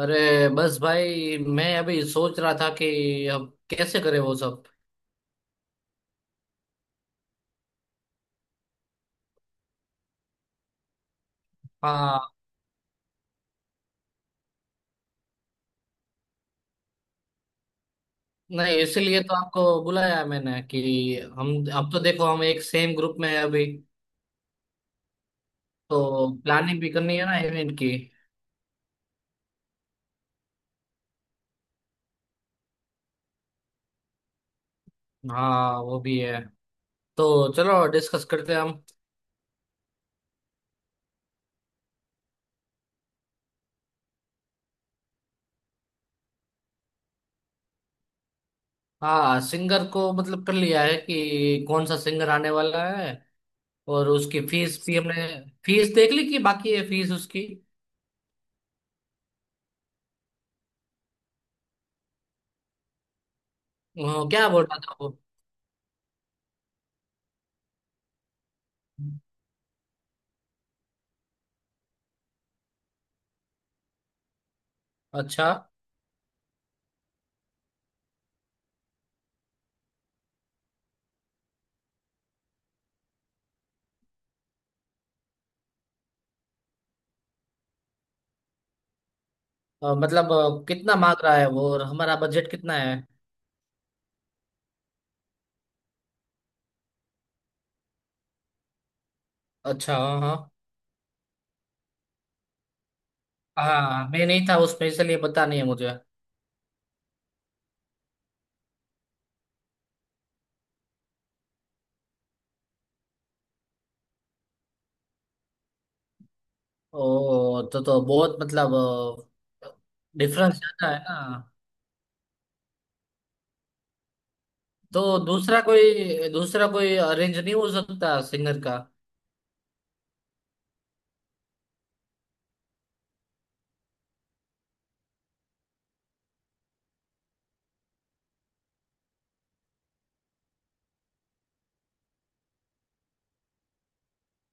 अरे। बस भाई मैं अभी सोच रहा था कि अब कैसे करें वो सब। हाँ। नहीं, इसीलिए तो आपको बुलाया मैंने कि हम अब तो देखो, हम एक सेम ग्रुप में हैं अभी। तो प्लानिंग भी करनी है ना इवेंट की। हाँ वो भी है। तो चलो डिस्कस करते हैं हम। हाँ, सिंगर को मतलब कर लिया है कि कौन सा सिंगर आने वाला है। और उसकी फीस भी हमने फीस देख ली कि बाकी है फीस उसकी। क्या बोल रहा था वो। अच्छा। मतलब कितना मांग रहा है वो और हमारा बजट कितना है। अच्छा। हाँ हाँ। हाँ मैं नहीं था उसमें इसलिए पता नहीं है मुझे। ओ तो बहुत मतलब डिफरेंस ज्यादा है ना। तो दूसरा कोई अरेंज नहीं हो सकता सिंगर का।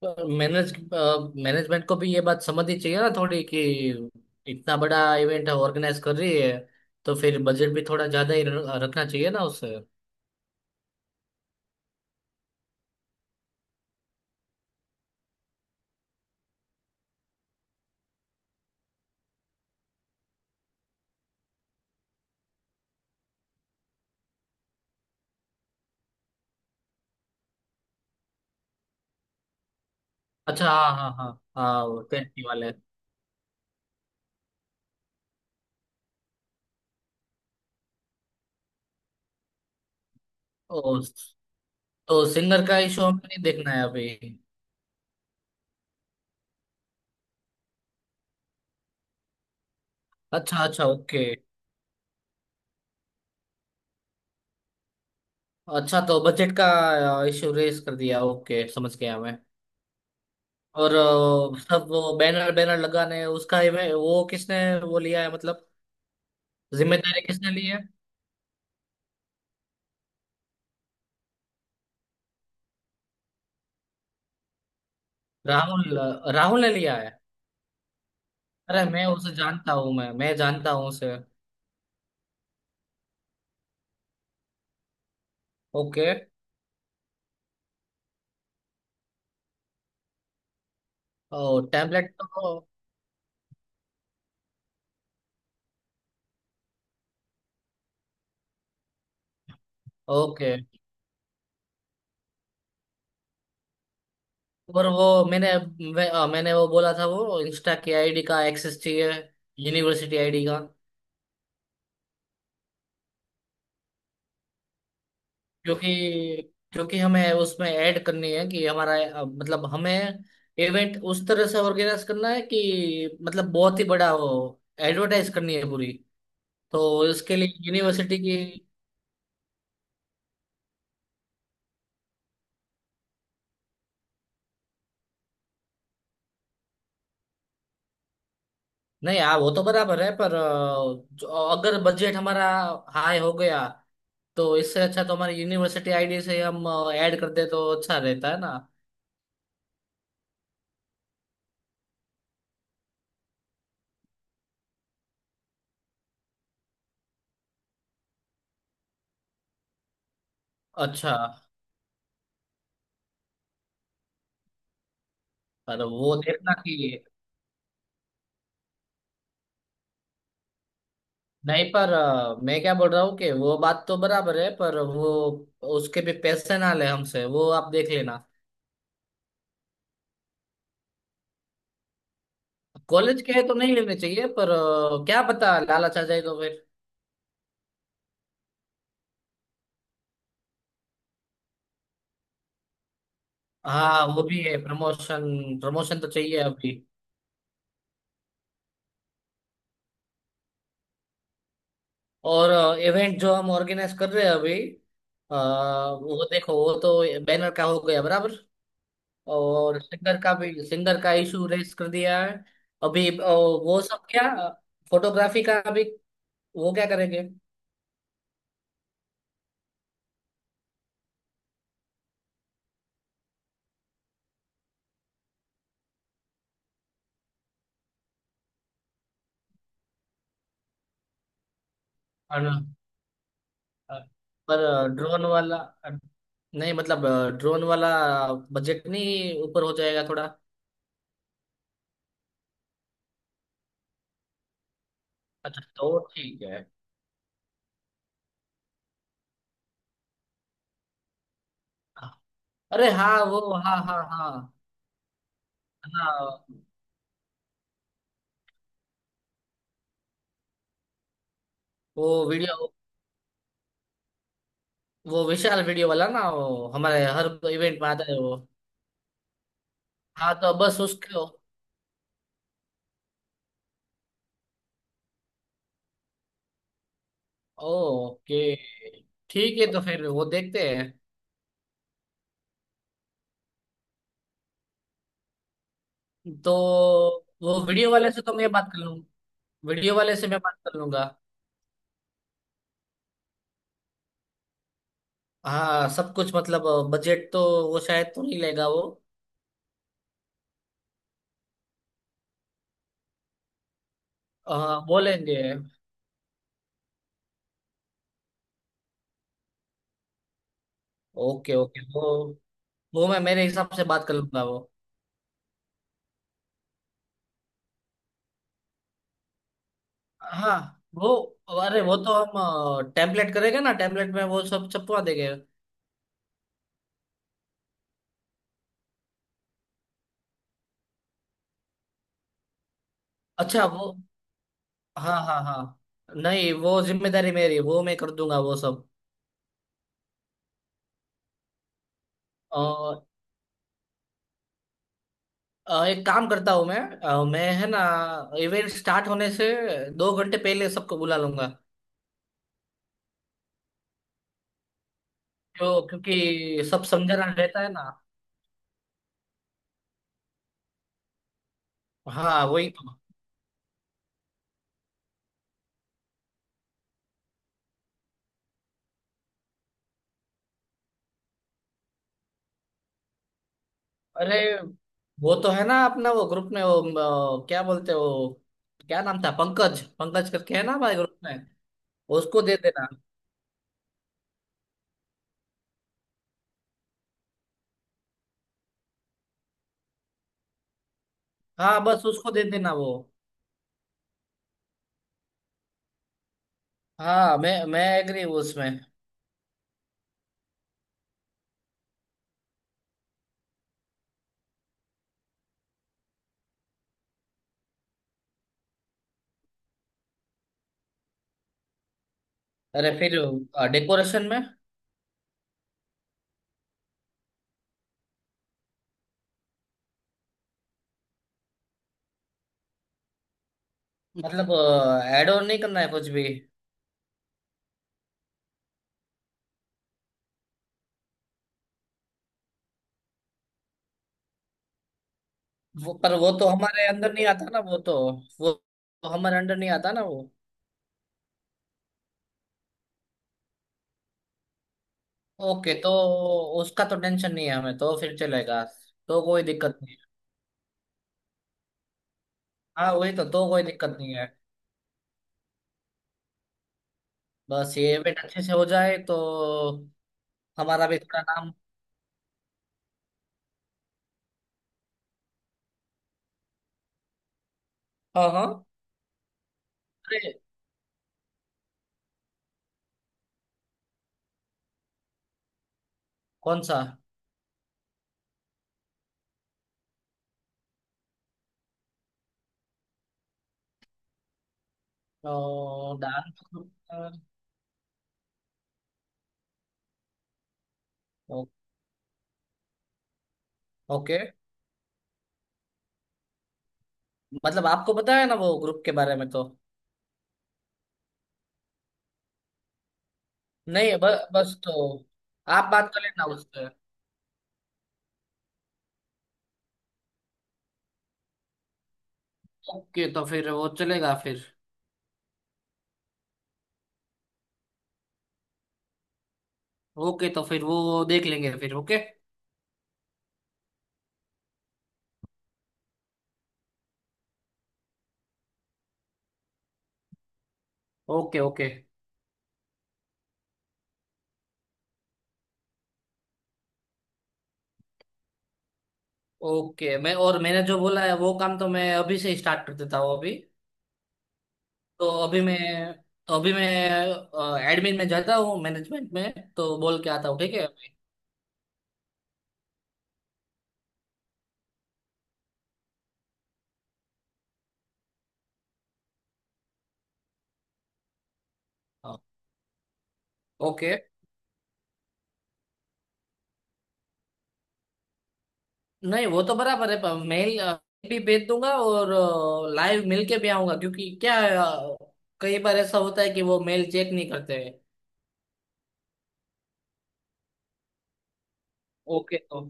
मैनेजमेंट को भी ये बात समझनी चाहिए ना थोड़ी कि इतना बड़ा इवेंट ऑर्गेनाइज कर रही है। तो फिर बजट भी थोड़ा ज्यादा ही रखना चाहिए ना उससे। अच्छा। हाँ हाँ हाँ। हाँ वो टेंट वाले। ओ, तो सिंगर का इशू हमें नहीं देखना है अभी। अच्छा अच्छा ओके। अच्छा तो बजट का इशू रेस कर दिया, ओके समझ गया मैं। और सब वो बैनर बैनर लगाने उसका ही वो किसने वो लिया है, मतलब जिम्मेदारी किसने ली है। राहुल राहुल ने लिया है। अरे मैं उसे जानता हूँ, मैं जानता हूँ उसे। ओके। और टेम्पलेट तो। ओके। और वो मैंने मैंने वो बोला था, वो इंस्टा की आईडी का एक्सेस चाहिए, यूनिवर्सिटी आईडी का। क्योंकि क्योंकि हमें उसमें ऐड करनी है कि हमारा मतलब हमें इवेंट उस तरह से ऑर्गेनाइज करना है कि मतलब बहुत ही बड़ा हो। एडवर्टाइज करनी है पूरी। तो इसके लिए यूनिवर्सिटी की। नहीं, हाँ वो तो बराबर है पर अगर बजट हमारा हाई हो गया तो इससे अच्छा तो हमारी यूनिवर्सिटी आईडी से हम ऐड कर दे तो अच्छा रहता है ना। अच्छा। पर वो देखना कि नहीं, पर मैं क्या बोल रहा हूँ कि वो बात तो बराबर है, पर वो उसके भी पैसे ना ले हमसे, वो आप देख लेना। कॉलेज के है तो नहीं लेने चाहिए, पर क्या पता लालच आ जाए तो फिर। हाँ वो भी है। प्रमोशन प्रमोशन तो चाहिए अभी। और इवेंट जो हम ऑर्गेनाइज कर रहे हैं अभी अ, वो देखो, वो तो बैनर का हो गया बराबर। और सिंगर का इशू रेस कर दिया है अभी। वो सब क्या, फोटोग्राफी का भी वो क्या करेंगे। पर ड्रोन वाला नहीं मतलब ड्रोन वाला बजट नहीं ऊपर हो जाएगा थोड़ा। अच्छा तो ठीक है। अरे हाँ वो। हाँ हाँ हाँ। हाँ वो वीडियो, वो विशाल वीडियो वाला ना, वो हमारे हर इवेंट में आता है वो। हाँ तो बस उसको। ओके ठीक है, तो फिर वो देखते हैं। तो वो वीडियो वाले से तो मैं बात कर लूँ। वीडियो वाले से मैं बात कर लूंगा। हाँ सब कुछ मतलब बजट तो वो शायद तो नहीं लेगा वो। हाँ बोलेंगे। ओके ओके, तो वो मैं मेरे हिसाब से बात कर लूंगा वो। हाँ वो। अरे वो तो हम टेम्पलेट करेंगे ना, टेम्पलेट में वो सब छपवा देंगे। अच्छा वो। हाँ हाँ हाँ। नहीं, वो जिम्मेदारी मेरी है, वो मैं कर दूंगा वो सब। अ, एक काम करता हूँ, मैं मैं है ना, इवेंट स्टार्ट होने से दो घंटे पहले सबको बुला लूंगा। तो क्योंकि सब समझना रहता है ना। हाँ वही तो। अरे वो तो है ना, अपना वो ग्रुप में वो क्या बोलते हैं वो, क्या नाम था, पंकज, पंकज करके है ना हमारे ग्रुप में, उसको दे देना। हाँ बस उसको दे देना वो। हाँ मैं एग्री हूँ उसमें। अरे फिर डेकोरेशन में मतलब एड ऑन नहीं करना है कुछ भी। वो, पर वो तो हमारे अंदर नहीं आता ना, वो तो हमारे अंडर नहीं आता ना वो। ओके, तो उसका तो टेंशन नहीं है हमें, तो फिर चलेगा। तो कोई दिक्कत नहीं है। हाँ वही तो, कोई दिक्कत नहीं है। बस ये इवेंट अच्छे से हो जाए तो हमारा भी थोड़ा नाम। हाँ हाँ। अरे कौन सा डांस। ओके, मतलब आपको पता है ना वो ग्रुप के बारे में तो। नहीं ब, बस तो आप बात कर लेना उससे। ओके तो फिर वो चलेगा फिर। ओके तो फिर वो देख लेंगे फिर, ओके। Okay okay okay. मैंने जो बोला है वो काम तो मैं अभी से स्टार्ट कर देता हूँ अभी। तो अभी मैं तो अभी मैं एडमिन में जाता हूँ, मैनेजमेंट में तो बोल के आता हूँ, ठीक है। हाँ, ओके। नहीं, वो तो बराबर है, पर मेल भी भेज दूंगा और लाइव मिल के भी आऊंगा, क्योंकि क्या है, कई बार ऐसा होता है कि वो मेल चेक नहीं करते हैं। ओके तो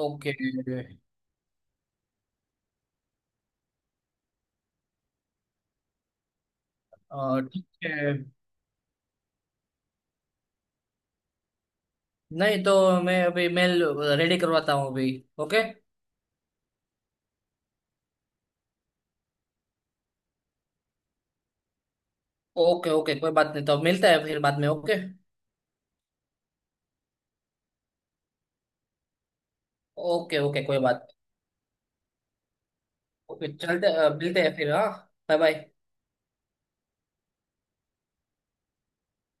ओके। ठीक है। नहीं तो मैं अभी मेल रेडी करवाता हूँ अभी। ओके। ओके ओके कोई बात नहीं, तो मिलता है फिर बाद में, ओके। ओके ओके कोई बात। ओके, मिलते हैं फिर, हाँ। Bye bye.